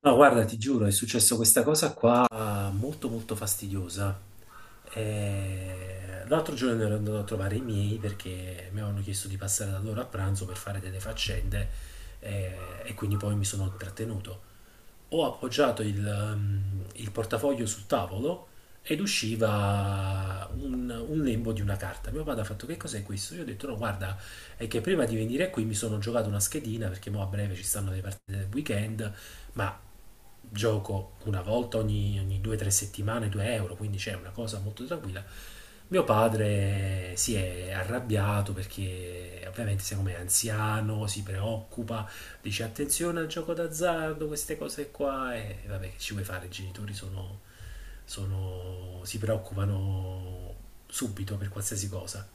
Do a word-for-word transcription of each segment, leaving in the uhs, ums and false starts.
No, guarda, ti giuro, è successo questa cosa qua molto molto fastidiosa. Eh, L'altro giorno ero andato a trovare i miei perché mi avevano chiesto di passare da loro a pranzo per fare delle faccende, eh, e quindi poi mi sono trattenuto. Ho appoggiato il, mm, il portafoglio sul tavolo ed usciva un, un lembo di una carta. Mio padre ha fatto: che cos'è questo? Io ho detto no, guarda, è che prima di venire qui mi sono giocato una schedina perché mo a breve ci stanno le partite del weekend. Ma gioco una volta ogni, ogni due o tre settimane due euro, quindi c'è una cosa molto tranquilla. Mio padre si è arrabbiato perché ovviamente siccome è anziano, si preoccupa, dice attenzione al gioco d'azzardo, queste cose qua. E vabbè, che ci vuoi fare, i genitori sono, sono- si preoccupano subito per qualsiasi cosa.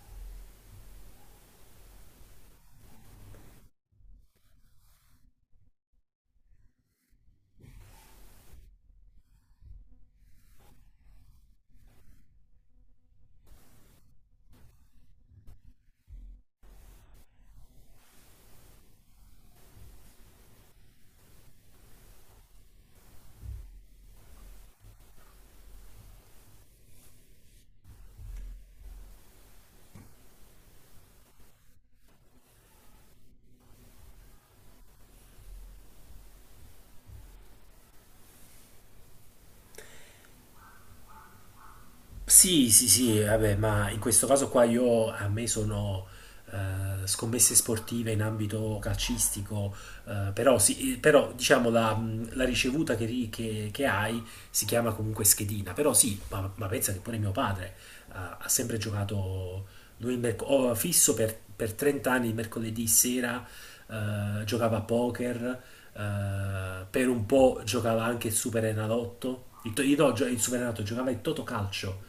Sì, sì, sì, vabbè, ma in questo caso qua io a me sono, eh, scommesse sportive in ambito calcistico, eh, però sì, eh, però, diciamo la, mh, la ricevuta che, ri- che- che hai si chiama comunque schedina, però sì, ma, ma pensa che pure mio padre ha, ha sempre giocato, lui il merc- oh, fisso per, per trenta anni il mercoledì sera, eh, giocava a poker, eh, per un po' giocava anche il Superenalotto, il, to- no, gio- il Superenalotto giocava il Totocalcio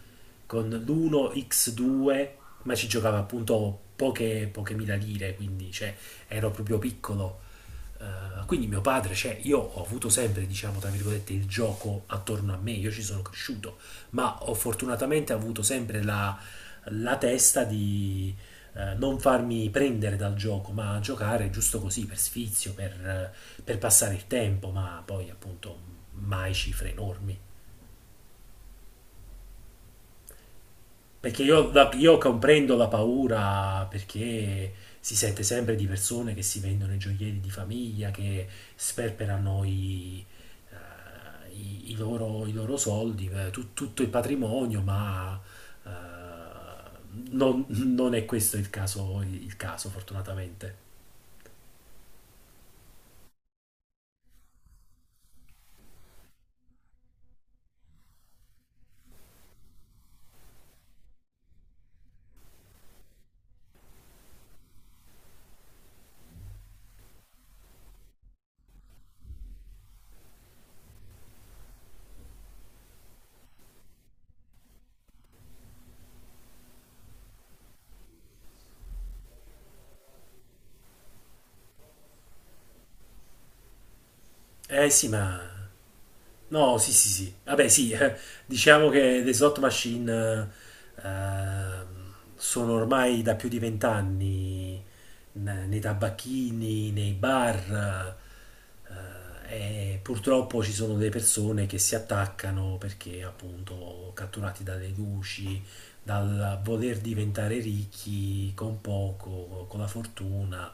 con l'uno ics due, ma ci giocava appunto poche, poche mila lire, quindi cioè, ero proprio piccolo. Eh, quindi mio padre, cioè, io ho avuto sempre, diciamo, tra virgolette, il gioco attorno a me, io ci sono cresciuto, ma ho fortunatamente avuto sempre la, la testa di eh, non farmi prendere dal gioco, ma giocare giusto così, per sfizio, per, eh, per passare il tempo, ma poi appunto mai cifre enormi. Perché io, la- io comprendo la paura perché si sente sempre di persone che si vendono i gioielli di famiglia, che sperperano i, eh, i- i loro, i loro soldi, eh, tu- tutto il patrimonio, ma eh, non, non è questo il caso, il caso, fortunatamente. Eh sì, ma no, sì, sì, sì. Vabbè, sì, eh, diciamo che le slot machine eh, ehm, sono ormai da più di vent'anni n- nei tabacchini, nei bar, eh, e purtroppo ci sono delle persone che si attaccano perché appunto catturati dalle luci, dal voler diventare ricchi con poco, con la fortuna,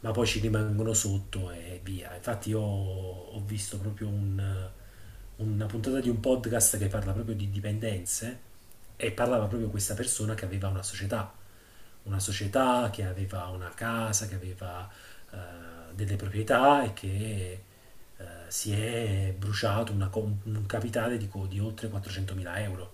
ma poi ci rimangono sotto e via. Infatti io ho visto proprio un- una puntata di un podcast che parla proprio di dipendenze e parlava proprio questa persona che aveva una società, una società che aveva una casa, che aveva eh, delle proprietà e che eh, si è bruciato una co- un capitale di, co- di oltre quattrocentomila euro.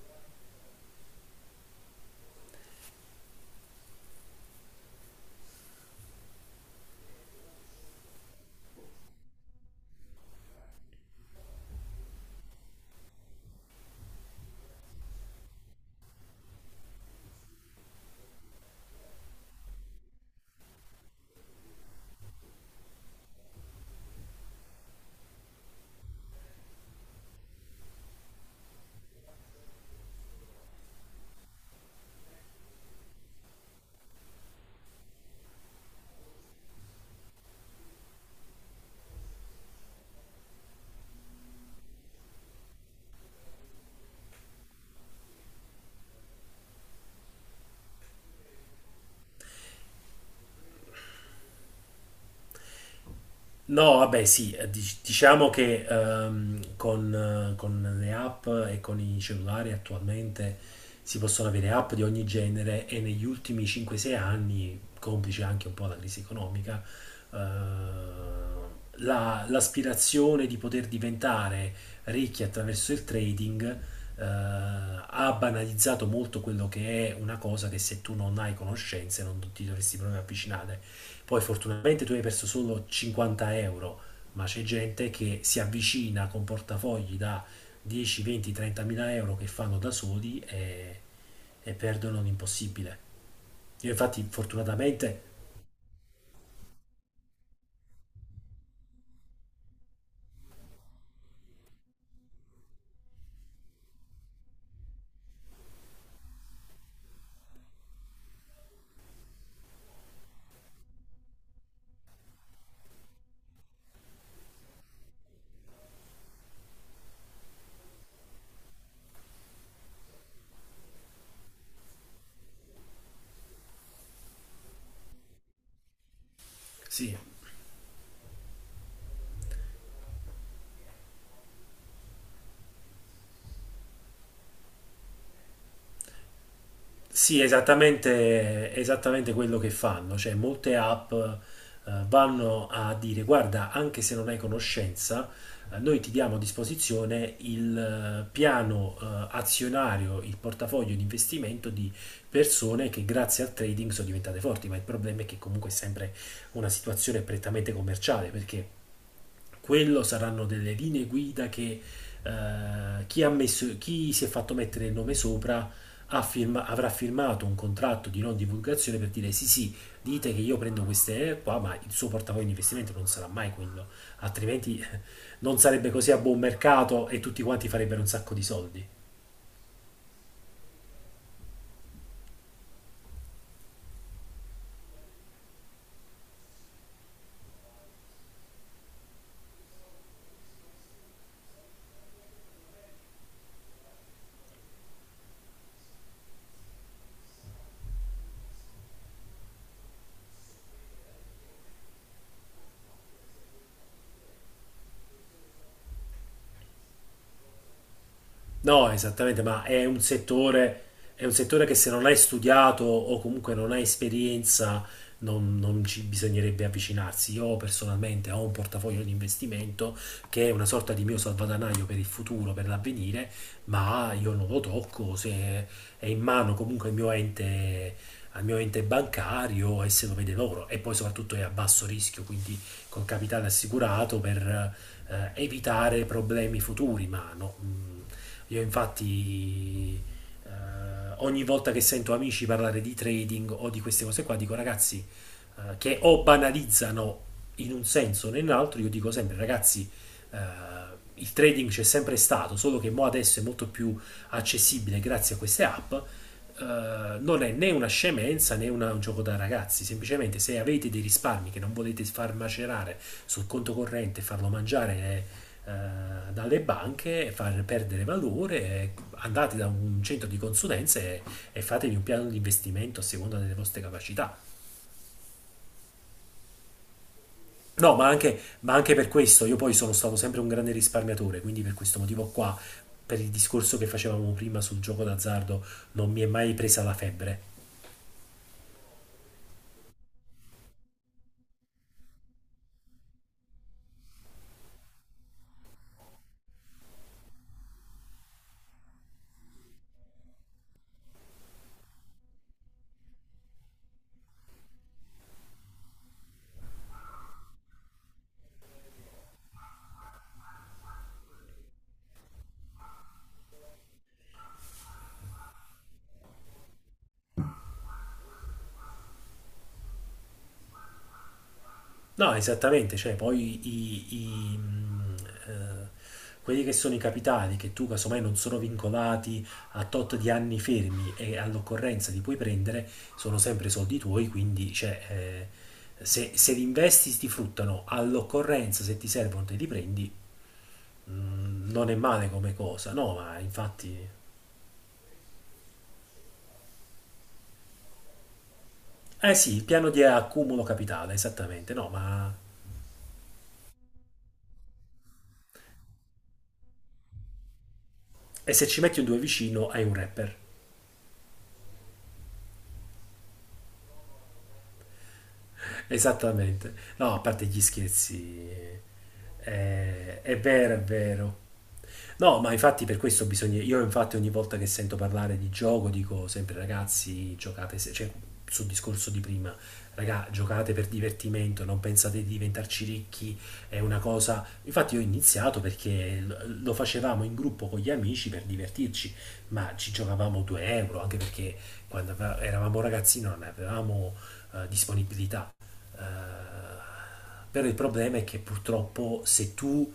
No, vabbè, sì, eh, dic- diciamo che ehm, con, eh, con le app e con i cellulari attualmente si possono avere app di ogni genere e negli ultimi cinque sei anni, complice anche un po' la crisi economica, eh, la- l'aspirazione di poter diventare ricchi attraverso il trading eh, ha banalizzato molto quello che è una cosa che se tu non hai conoscenze non ti dovresti proprio avvicinare. Poi fortunatamente tu hai perso solo cinquanta euro, ma c'è gente che si avvicina con portafogli da dieci, venti, trentamila mila euro che fanno da soli e, e perdono l'impossibile. Io infatti fortunatamente sì. Sì, esattamente, esattamente quello che fanno, cioè molte app eh, vanno a dire guarda, anche se non hai conoscenza, eh, noi ti diamo a disposizione il eh, piano eh, azionario, il portafoglio di investimento di persone che grazie al trading sono diventate forti, ma il problema è che comunque è sempre una situazione prettamente commerciale, perché quello saranno delle linee guida che eh, chi ha messo, chi si è fatto mettere il nome sopra ha firma- avrà firmato un contratto di non divulgazione per dire sì sì, dite che io prendo queste qua, ma il suo portafoglio di investimento non sarà mai quello, altrimenti eh, non sarebbe così a buon mercato e tutti quanti farebbero un sacco di soldi. No, esattamente, ma è un settore, è un settore che se non hai studiato o comunque non hai esperienza, non, non ci bisognerebbe avvicinarsi. Io personalmente ho un portafoglio di investimento che è una sorta di mio salvadanaio per il futuro, per l'avvenire, ma io non lo tocco, se è in mano comunque al mio ente, al mio ente bancario e se lo vede loro. E poi soprattutto è a basso rischio, quindi col capitale assicurato per eh, evitare problemi futuri, ma no. Mm, io infatti, eh, ogni volta che sento amici parlare di trading o di queste cose qua, dico ragazzi, eh, che o banalizzano in un senso o nell'altro, io dico sempre ragazzi, eh, il trading c'è sempre stato, solo che mo adesso è molto più accessibile grazie a queste app. Eh, non è né una scemenza né una- un gioco da ragazzi, semplicemente se avete dei risparmi che non volete far macerare sul conto corrente e farlo mangiare eh, dalle banche e far perdere valore, eh, andate da un centro di consulenze e, e fatevi un piano di investimento a seconda delle vostre capacità. No, ma anche, ma anche per questo, io poi sono stato sempre un grande risparmiatore, quindi per questo motivo qua, per il discorso che facevamo prima sul gioco d'azzardo, non mi è mai presa la febbre. No, esattamente, cioè poi i, i, mh, eh, quelli che sono i capitali che tu casomai non sono vincolati a tot di anni fermi e all'occorrenza li puoi prendere, sono sempre soldi tuoi, quindi cioè, eh, se, se li investi ti fruttano all'occorrenza, se ti servono te li prendi, mh, non è male come cosa, no, ma infatti... Eh sì, il piano di accumulo capitale, esattamente, no, ma... E se ci metti un due vicino hai un rapper. Esattamente. No, a parte gli scherzi, eh, è vero, è vero. No, ma infatti per questo bisogna... Io infatti ogni volta che sento parlare di gioco dico sempre ragazzi, giocate, se... cioè sul discorso di prima, raga, giocate per divertimento, non pensate di diventarci ricchi, è una cosa... Infatti io ho iniziato perché l- lo facevamo in gruppo con gli amici per divertirci, ma ci giocavamo due euro, anche perché quando ave- eravamo ragazzini non avevamo eh, disponibilità. Eh, però il problema è che purtroppo se tu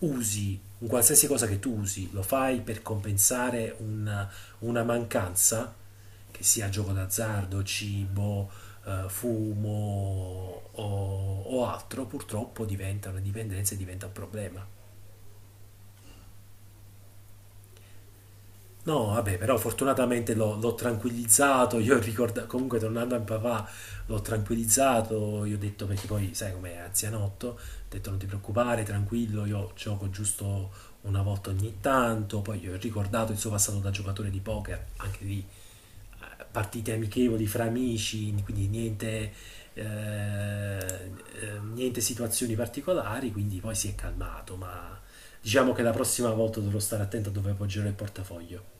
usi un qualsiasi cosa che tu usi, lo fai per compensare una, una mancanza, che sia gioco d'azzardo, cibo, eh, fumo o, o altro, purtroppo diventa una dipendenza e diventa un problema. No, vabbè, però fortunatamente l'ho l'ho tranquillizzato, io ricordo, comunque tornando a papà l'ho tranquillizzato, io ho detto perché poi sai com'è, anzianotto, ho detto non ti preoccupare, tranquillo, io gioco giusto una volta ogni tanto, poi gli ho ricordato il suo passato da giocatore di poker, anche lì eh, partite amichevoli fra amici, quindi niente, eh, eh, niente situazioni particolari, quindi poi si è calmato, ma diciamo che la prossima volta dovrò stare attento a dove appoggerò il portafoglio.